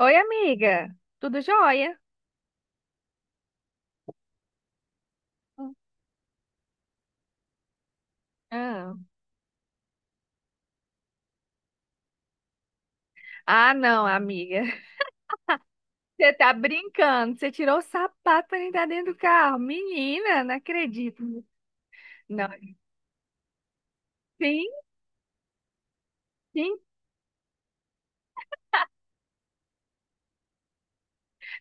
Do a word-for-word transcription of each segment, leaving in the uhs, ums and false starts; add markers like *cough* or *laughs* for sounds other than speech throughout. Oi, amiga. Tudo jóia? Ah, Ah, não, amiga. *laughs* Você tá brincando. Você tirou o sapato pra entrar dentro do carro. Menina, não acredito. Não, sim, sim.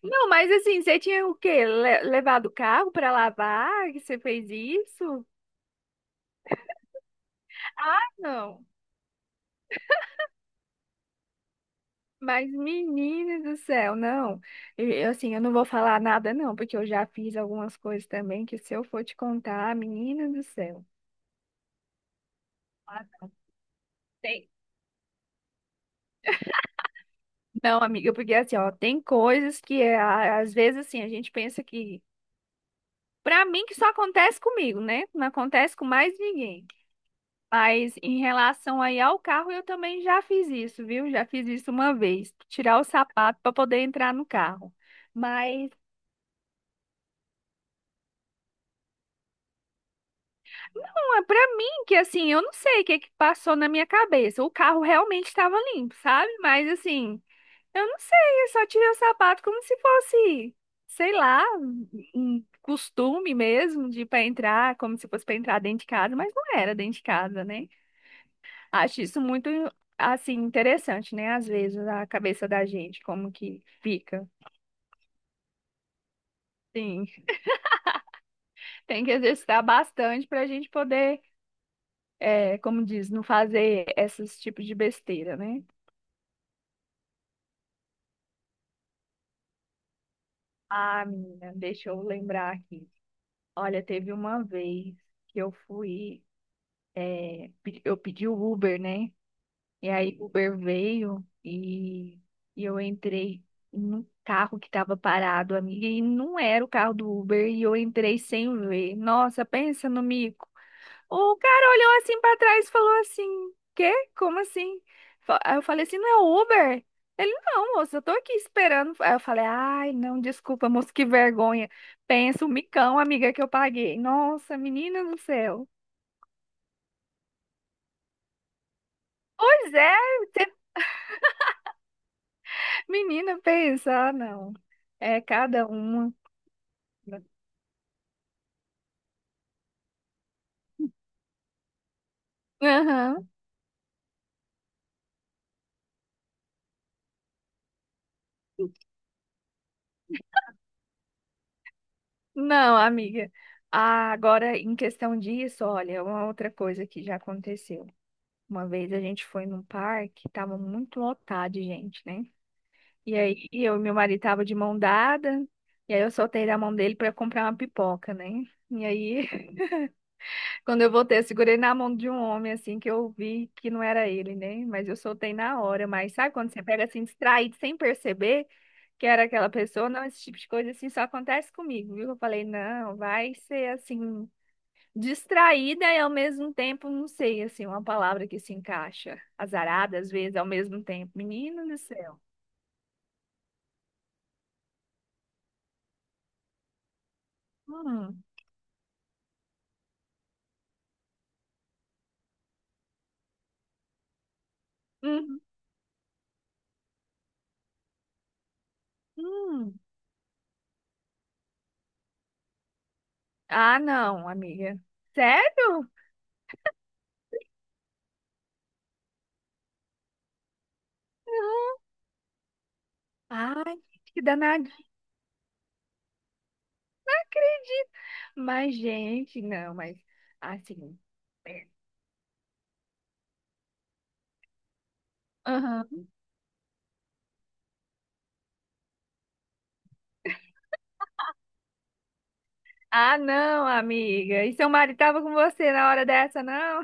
Não, mas assim, você tinha o quê? Le- levado o carro pra lavar? Que você fez isso? Ah, não. Mas, menina do céu, não. Eu, assim, eu não vou falar nada, não, porque eu já fiz algumas coisas também que, se eu for te contar, menina do céu. Não, amiga, porque assim, ó, tem coisas que é, a- às vezes assim, a gente pensa que pra mim que só acontece comigo, né? Não acontece com mais ninguém. Mas em relação aí ao carro, eu também já fiz isso, viu? Já fiz isso uma vez, tirar o sapato pra poder entrar no carro. Mas não, é pra mim que assim, eu não sei o que que passou na minha cabeça. O carro realmente estava limpo, sabe? Mas assim, eu não sei, eu só tirei o sapato como se fosse, sei lá, um costume mesmo de para entrar, como se fosse para entrar dentro de casa, mas não era dentro de casa, né? Acho isso muito assim interessante, né? Às vezes a cabeça da gente como que fica. Sim, tem que exercitar bastante para a gente poder, é, como diz, não fazer esses tipos de besteira, né? Ah, menina, deixa eu lembrar aqui. Olha, teve uma vez que eu fui. É, pe- eu pedi o Uber, né? E aí o Uber veio e, e eu entrei num carro que estava parado, amiga, e não era o carro do Uber, e eu entrei sem ver. Nossa, pensa no mico. O cara olhou assim para trás e falou assim: Quê? Como assim? Fa- Aí eu falei assim: não é o Uber? Ele, não, moça, eu tô aqui esperando. Aí eu falei, ai, não, desculpa, moça, que vergonha. Pensa o micão, amiga, que eu paguei. Nossa, menina do céu. Pois é, menina, pensa, ah, não. É cada uma. Aham. Não, amiga. Ah, agora, em questão disso, olha, uma outra coisa que já aconteceu. Uma vez a gente foi num parque, tava muito lotado de gente, né? E aí eu e meu marido tava de mão dada, e aí eu soltei da mão dele para comprar uma pipoca, né? E aí, quando eu voltei, eu segurei na mão de um homem, assim, que eu vi que não era ele, né? Mas eu soltei na hora. Mas sabe quando você pega, assim, distraído, sem perceber que era aquela pessoa? Não, esse tipo de coisa, assim, só acontece comigo, viu? Eu falei, não, vai ser, assim, distraída e, ao mesmo tempo, não sei, assim, uma palavra que se encaixa. Azarada, às vezes, ao mesmo tempo. Menino do céu. Hum, hum, hum. Ah, não, amiga. Sério? Ai, que danadinho. Acredito. Mas, gente, não, mas assim. É. Aham. Ah, não, amiga. E seu marido tava com você na hora dessa, não?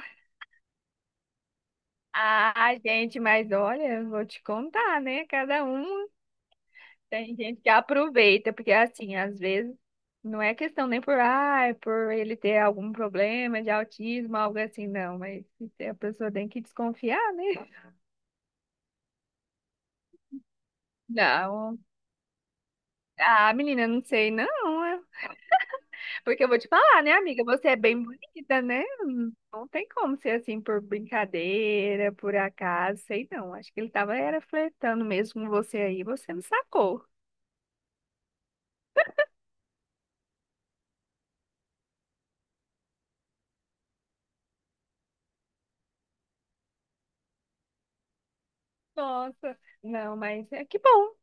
Ah, gente, mas olha, vou te contar, né? Cada um, tem gente que aproveita, porque assim, às vezes não é questão nem por, ah, é por ele ter algum problema de autismo, algo assim, não, mas a pessoa tem que desconfiar, né? Não. Ah, menina, não sei, não. Porque eu vou te falar, né, amiga? Você é bem bonita, né? Não tem como ser assim por brincadeira, por acaso, sei não. Acho que ele tava era flertando mesmo com você aí, você não sacou. Nossa, não, mas é que bom.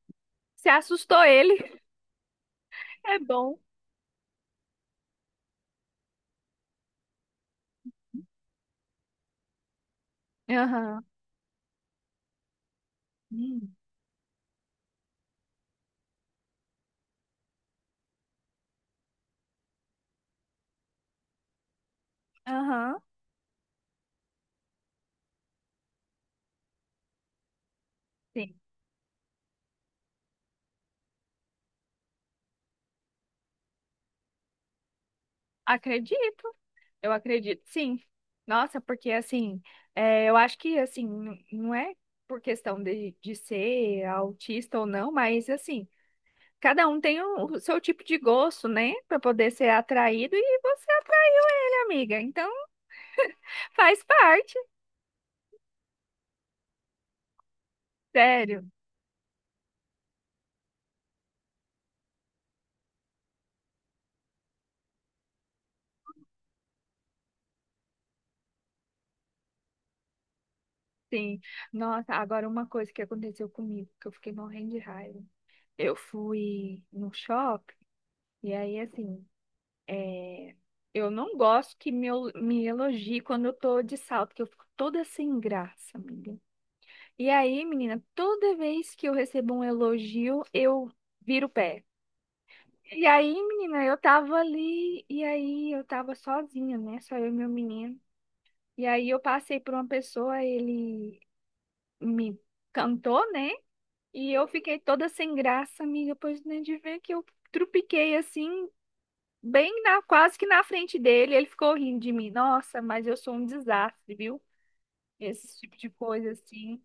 Você assustou ele, *laughs* é bom. Aham. Hum. Aham. Sim. Acredito. Eu acredito, sim. Nossa, porque assim, é, eu acho que assim, n- não é por questão de, de ser autista ou não, mas assim, cada um tem o, o seu tipo de gosto, né? Pra poder ser atraído e você atraiu ele, amiga. Então, faz parte. Sério, sim. Nossa, agora uma coisa que aconteceu comigo, que eu fiquei morrendo de raiva. Eu fui no shopping e aí, assim, é, eu não gosto que me, el- me elogie quando eu tô de salto, que eu fico toda sem graça, amiga. E aí, menina, toda vez que eu recebo um elogio, eu viro o pé. E aí, menina, eu tava ali, e aí eu tava sozinha, né? Só eu e meu menino. E aí eu passei por uma pessoa, ele me cantou, né? E eu fiquei toda sem graça, amiga, pois nem de ver que eu trupiquei assim, bem na, quase que na frente dele. Ele ficou rindo de mim. Nossa, mas eu sou um desastre, viu? Esse tipo de coisa assim.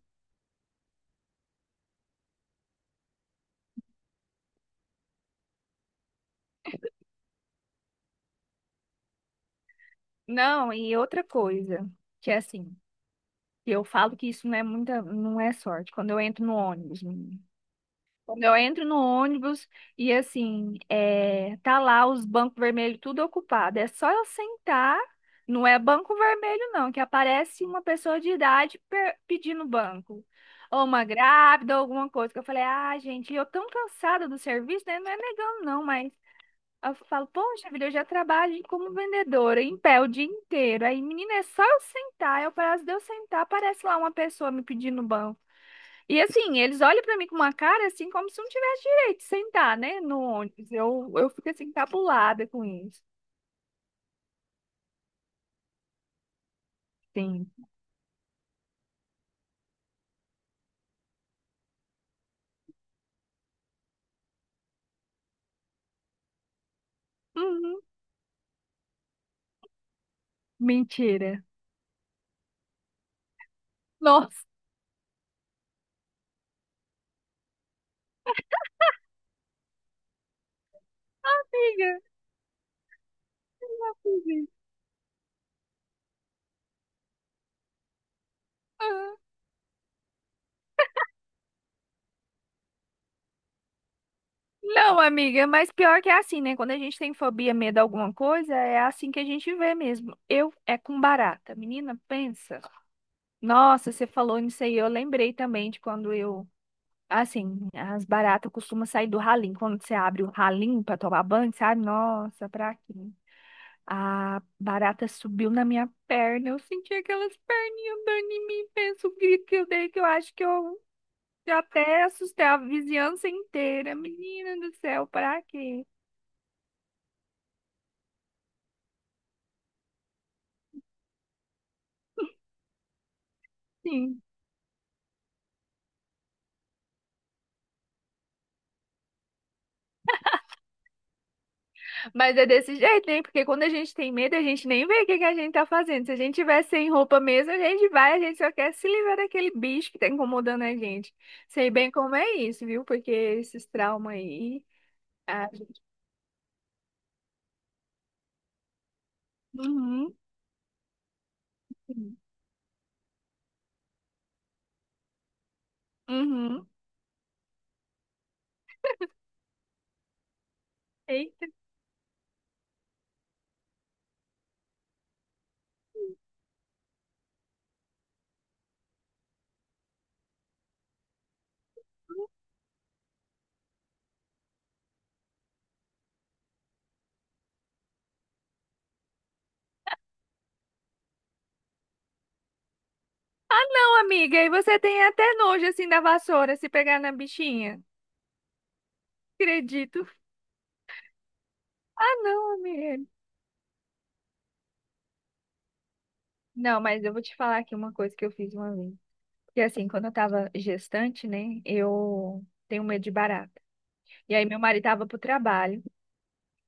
Não, e outra coisa, que é assim, eu falo que isso não é muita, não é sorte. Quando eu entro no ônibus, Quando eu entro no ônibus e assim, é, tá lá os bancos vermelhos tudo ocupado. É só eu sentar, não é banco vermelho não, que aparece uma pessoa de idade per- pedindo banco. Ou uma grávida, ou alguma coisa. Que eu falei, ah, gente, eu tão cansada do serviço, né? Não é negando não, mas eu falo, poxa vida, eu já trabalho como vendedora em pé o dia inteiro. Aí, menina, é só eu sentar. Eu, para de eu sentar, aparece lá uma pessoa me pedindo banco. E assim, eles olham pra mim com uma cara assim, como se não tivesse direito de sentar, né, no ônibus. Eu, eu fico assim, cabulada com isso. Sim. Uhum. Mentira. Nossa, amiga. Ah. Não, amiga, mas pior que é assim, né? Quando a gente tem fobia, medo de alguma coisa, é assim que a gente vê mesmo. Eu é com barata. Menina, pensa. Nossa, você falou nisso aí, eu lembrei também de quando eu, assim, as baratas costumam sair do ralinho. Quando você abre o ralinho pra tomar banho, sabe? Nossa, pra quê? A barata subiu na minha perna. Eu senti aquelas perninhas andando em mim. Penso o grito que eu dei, que eu acho que eu já até assustei a vizinhança inteira. Menina do céu, pra quê? Sim. Mas é desse jeito, né? Porque quando a gente tem medo, a gente nem vê o que que a gente tá fazendo. Se a gente tiver sem roupa mesmo, a gente vai, a gente só quer se livrar daquele bicho que tá incomodando a gente. Sei bem como é isso, viu? Porque esses traumas aí. Ah. Uhum. Uhum. Eita. Ah, não, amiga, e você tem até nojo assim da vassoura se pegar na bichinha. Acredito. Ah, não, amiga. Não, mas eu vou te falar aqui uma coisa que eu fiz uma vez. Que assim, quando eu tava gestante, né? Eu tenho medo de barato. E aí meu marido tava pro trabalho.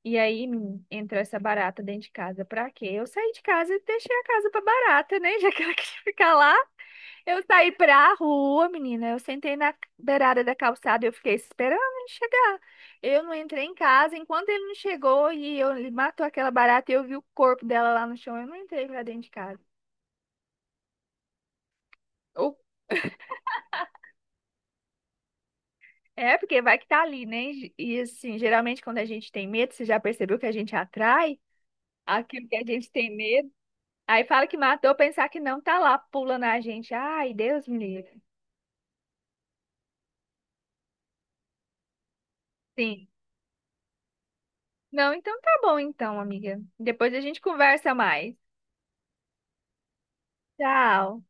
E aí menino, entrou essa barata dentro de casa. Pra quê? Eu saí de casa e deixei a casa pra barata, né? *laughs* Já que ela *laughs* queria ficar lá. Eu saí pra rua, menina. Eu sentei na beirada da calçada e eu fiquei esperando ele chegar. Eu não entrei em casa. Enquanto ele não chegou e eu, ele matou aquela barata e eu vi o corpo dela lá no chão, eu não entrei pra dentro de casa. O- É, porque vai que tá ali, né? E assim, geralmente quando a gente tem medo, você já percebeu que a gente atrai aquilo que a gente tem medo. Aí fala que matou, pensar que não, tá lá pulando a gente. Ai, Deus me livre. Sim. Não, então tá bom então, amiga. Depois a gente conversa mais. Tchau.